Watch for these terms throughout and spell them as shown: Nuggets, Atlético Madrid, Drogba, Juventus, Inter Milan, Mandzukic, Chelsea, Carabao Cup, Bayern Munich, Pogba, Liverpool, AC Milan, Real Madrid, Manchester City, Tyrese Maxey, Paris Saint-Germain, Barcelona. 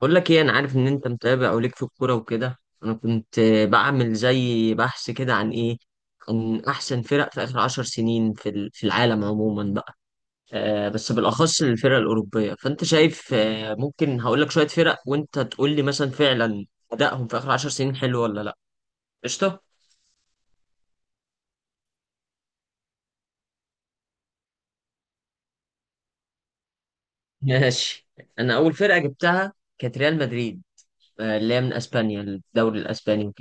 بقول لك ايه، انا عارف ان انت متابع او ليك في الكوره وكده. انا كنت بعمل زي بحث كده عن احسن فرق في اخر 10 سنين في العالم عموما بقى. بس بالاخص الفرق الاوروبيه. فانت شايف، ممكن هقول لك شويه فرق وانت تقول لي مثلا فعلا ادائهم في اخر 10 سنين حلو ولا لا. قشطه. ماشي. انا اول فرقه جبتها كانت ريال مدريد، اللي هي من اسبانيا الدوري الاسباني.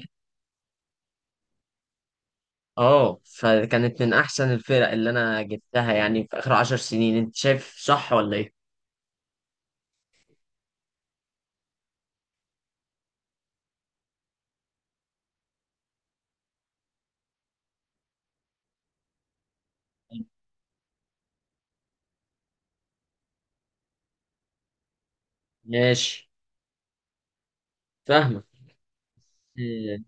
اه فكانت من احسن الفرق اللي انا جبتها يعني في اخر 10 سنين، انت شايف صح ولا ايه؟ ماشي، فاهمك. إيه،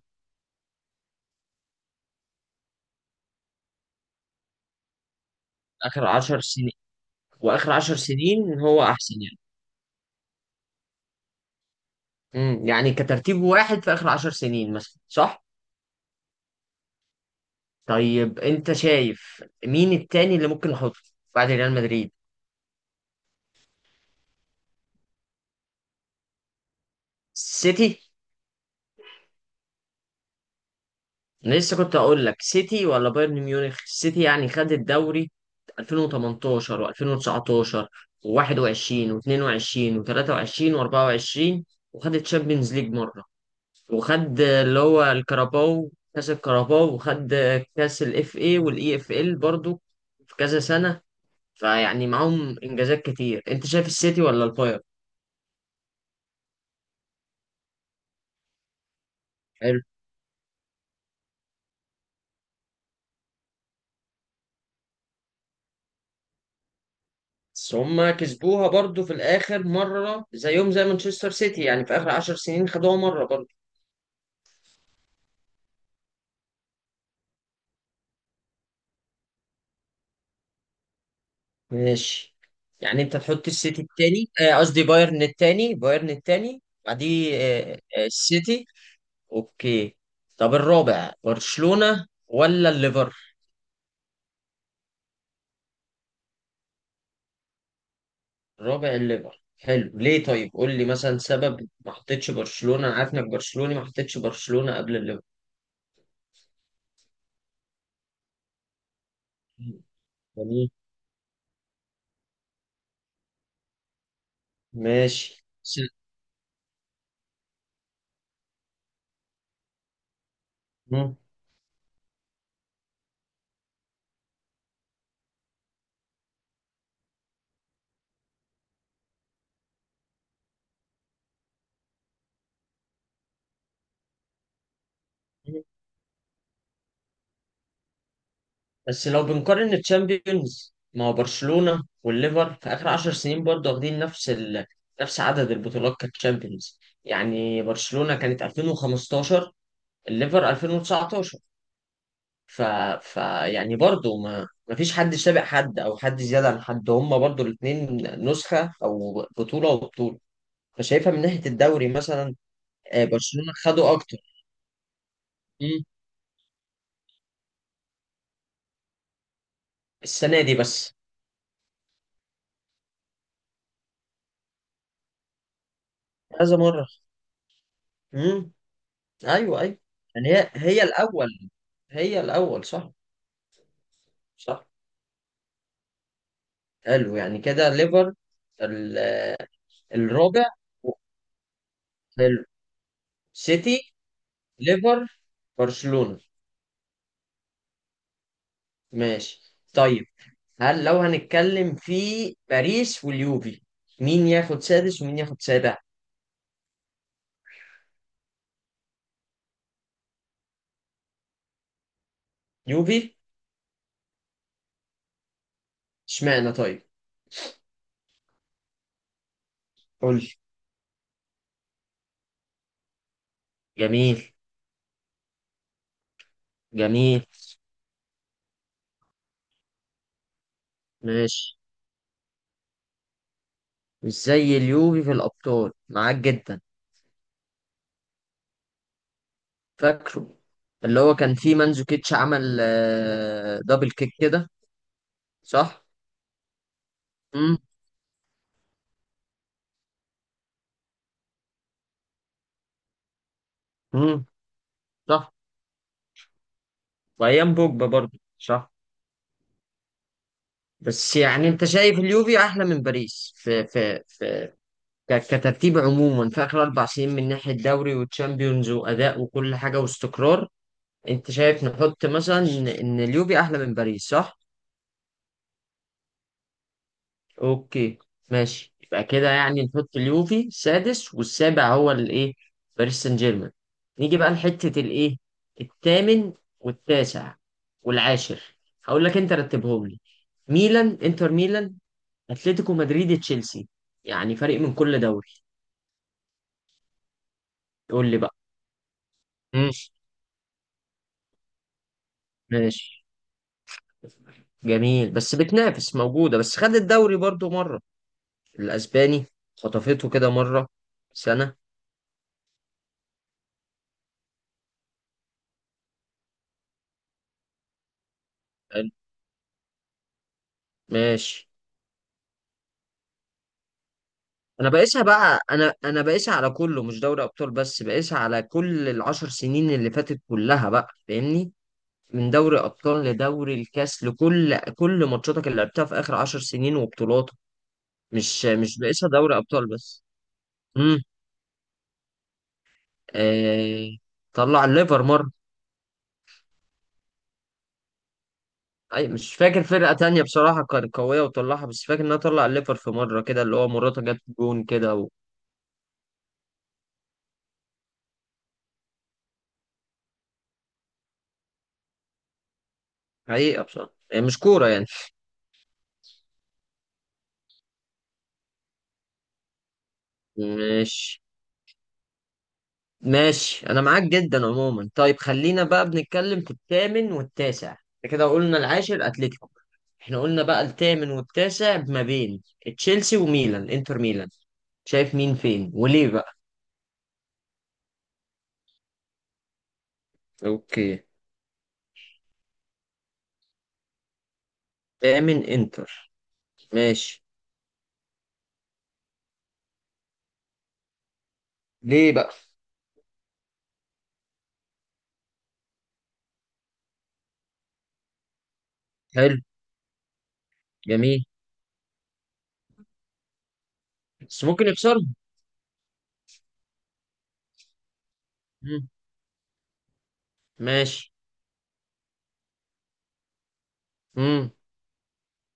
اخر 10 سنين. واخر 10 سنين هو احسن يعني. يعني كترتيب واحد في اخر 10 سنين مثلا، صح؟ طيب انت شايف مين التاني اللي ممكن نحطه بعد ريال مدريد؟ سيتي. أنا لسه كنت اقول لك سيتي ولا بايرن ميونخ. سيتي يعني خد الدوري 2018 و2019 و21 و22 و23 و24، وخد الشامبيونز ليج مره، وخد اللي هو الكاراباو كاس الكاراباو، وخد كاس الاف اي والاي اف ال برضو في كذا سنه. فيعني معاهم انجازات كتير. انت شايف السيتي ولا البايرن؟ حلو. بس هما كسبوها برضو في الاخر مره، زيهم زي مانشستر سيتي، يعني في اخر 10 سنين خدوها مره برضو. ماشي. يعني انت تحط السيتي التاني، قصدي بايرن التاني، بعديه، السيتي. اوكي. طب الرابع برشلونة ولا الليفر؟ الرابع الليفر، حلو. ليه طيب؟ قول لي مثلا سبب ما حطيتش برشلونة. انا عارف انك برشلوني، ما حطيتش برشلونة قبل الليفر. جميل. ماشي. مم. بس لو بنقارن الشامبيونز، ما هو برشلونة والليفر في آخر 10 سنين برضه واخدين نفس ال... نفس عدد البطولات كتشامبيونز. يعني برشلونة كانت 2015، الليفر 2019. ف... ف يعني برضه ما فيش حد سابق حد أو حد زيادة عن حد، هما برضه الاتنين نسخة أو بطولة وبطولة. فشايفها من ناحية الدوري مثلا. برشلونة خدوا أكتر. مم. السنة دي بس. كذا مرة. مم. أيوه أيوه. يعني هي هي الأول. هي الأول صح. صح. حلو، يعني كده ليفر ال- الرابع. حلو. سيتي، ليفر، برشلونة. ماشي طيب. هل لو هنتكلم في باريس واليوفي، مين ياخد سادس ومين ياخد سابع؟ يوفي. اشمعنى طيب؟ قول لي. جميل. جميل. ماشي، مش زي اليوفي في الأبطال، معاك جدا. فاكره. اللي هو كان فيه مانزوكيتش عمل دبل كيك كده. صح؟ مم. مم. صح. وايام بوجبا برضه صح. بس يعني انت شايف اليوفي احلى من باريس في كترتيب عموما في اخر 4 سنين من ناحيه دوري وتشامبيونز واداء وكل حاجه واستقرار. انت شايف نحط مثلا إن اليوفي احلى من باريس، صح؟ اوكي. ماشي، يبقى كده يعني نحط اليوفي سادس. والسابع هو الايه؟ باريس سان جيرمان. نيجي بقى لحته الايه، الثامن والتاسع والعاشر؟ هقول لك، انت رتبهم لي. ميلان انتر ميلان، اتلتيكو مدريد، تشيلسي. يعني فريق من كل دوري. قول لي بقى. مم. ماشي. جميل بس بتنافس، موجودة بس خد الدوري برضو مرة، الأسباني، خطفته كده مرة سنة. حلو. ماشي. أنا بقيسها بقى، أنا بقيسها على كله مش دوري أبطال بس. بقيسها على كل العشر سنين اللي فاتت كلها بقى، فاهمني؟ من دوري أبطال لدوري الكاس لكل كل ماتشاتك اللي لعبتها في آخر 10 سنين وبطولاتك. مش بقيسها دوري أبطال بس. آه، طلع الليفر مرة. أي مش فاكر فرقة تانية بصراحة كانت قوية وطلعها، بس فاكر إنها طلع الليفر في مرة كده، اللي هو مراته جت جون كده و... حقيقة بصراحة هي مش كورة يعني. ماشي. ماشي أنا معاك جدا عموما. طيب خلينا بقى بنتكلم في الثامن والتاسع، إحنا كده قلنا العاشر أتلتيكو. إحنا قلنا بقى الثامن والتاسع ما بين تشيلسي وميلان إنتر ميلان. شايف مين فين وليه بقى؟ اوكي. تامن انتر، ماشي. ليه بقى؟ حلو. جميل. بس ممكن يكسرهم. مم. ماشي. مم.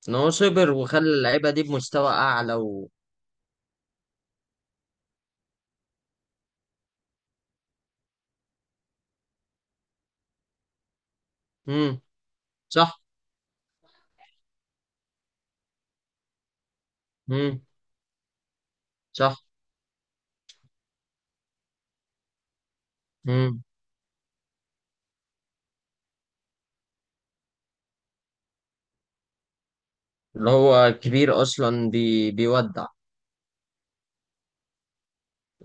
ان هو صبر وخلى اللعيبه دي بمستوى اعلى و... مم. صح. مم. صح. مم. اللي هو كبير اصلا بيودع.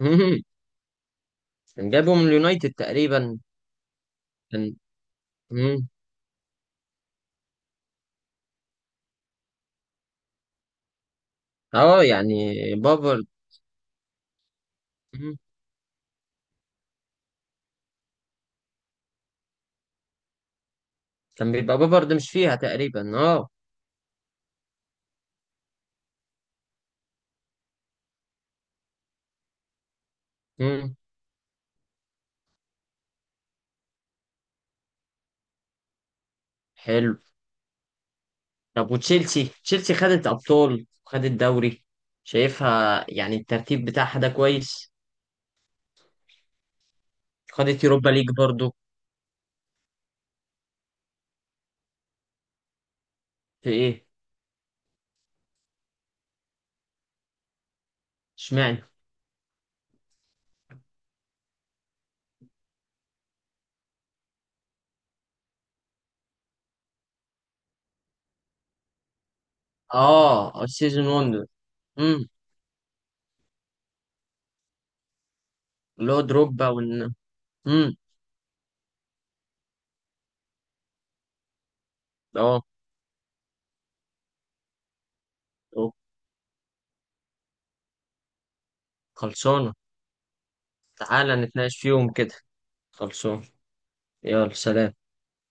مم. كان جابه من اليونايتد تقريبا. كان. مم. اه يعني بافارد. مم. كان بيبقى بافارد مش فيها تقريبا اه. مم. حلو. طب وتشيلسي، تشيلسي خدت ابطال وخدت دوري. شايفها يعني الترتيب بتاعها ده كويس. خدت يوروبا ليج برضو. في ايه؟ اشمعنى؟ اه السيزون 1 ده. امم. اللي هو دروجبا وان. امم. اه. أوه. خلصانه. تعالى نتناقش فيهم كده. خلصانه. يلا سلام.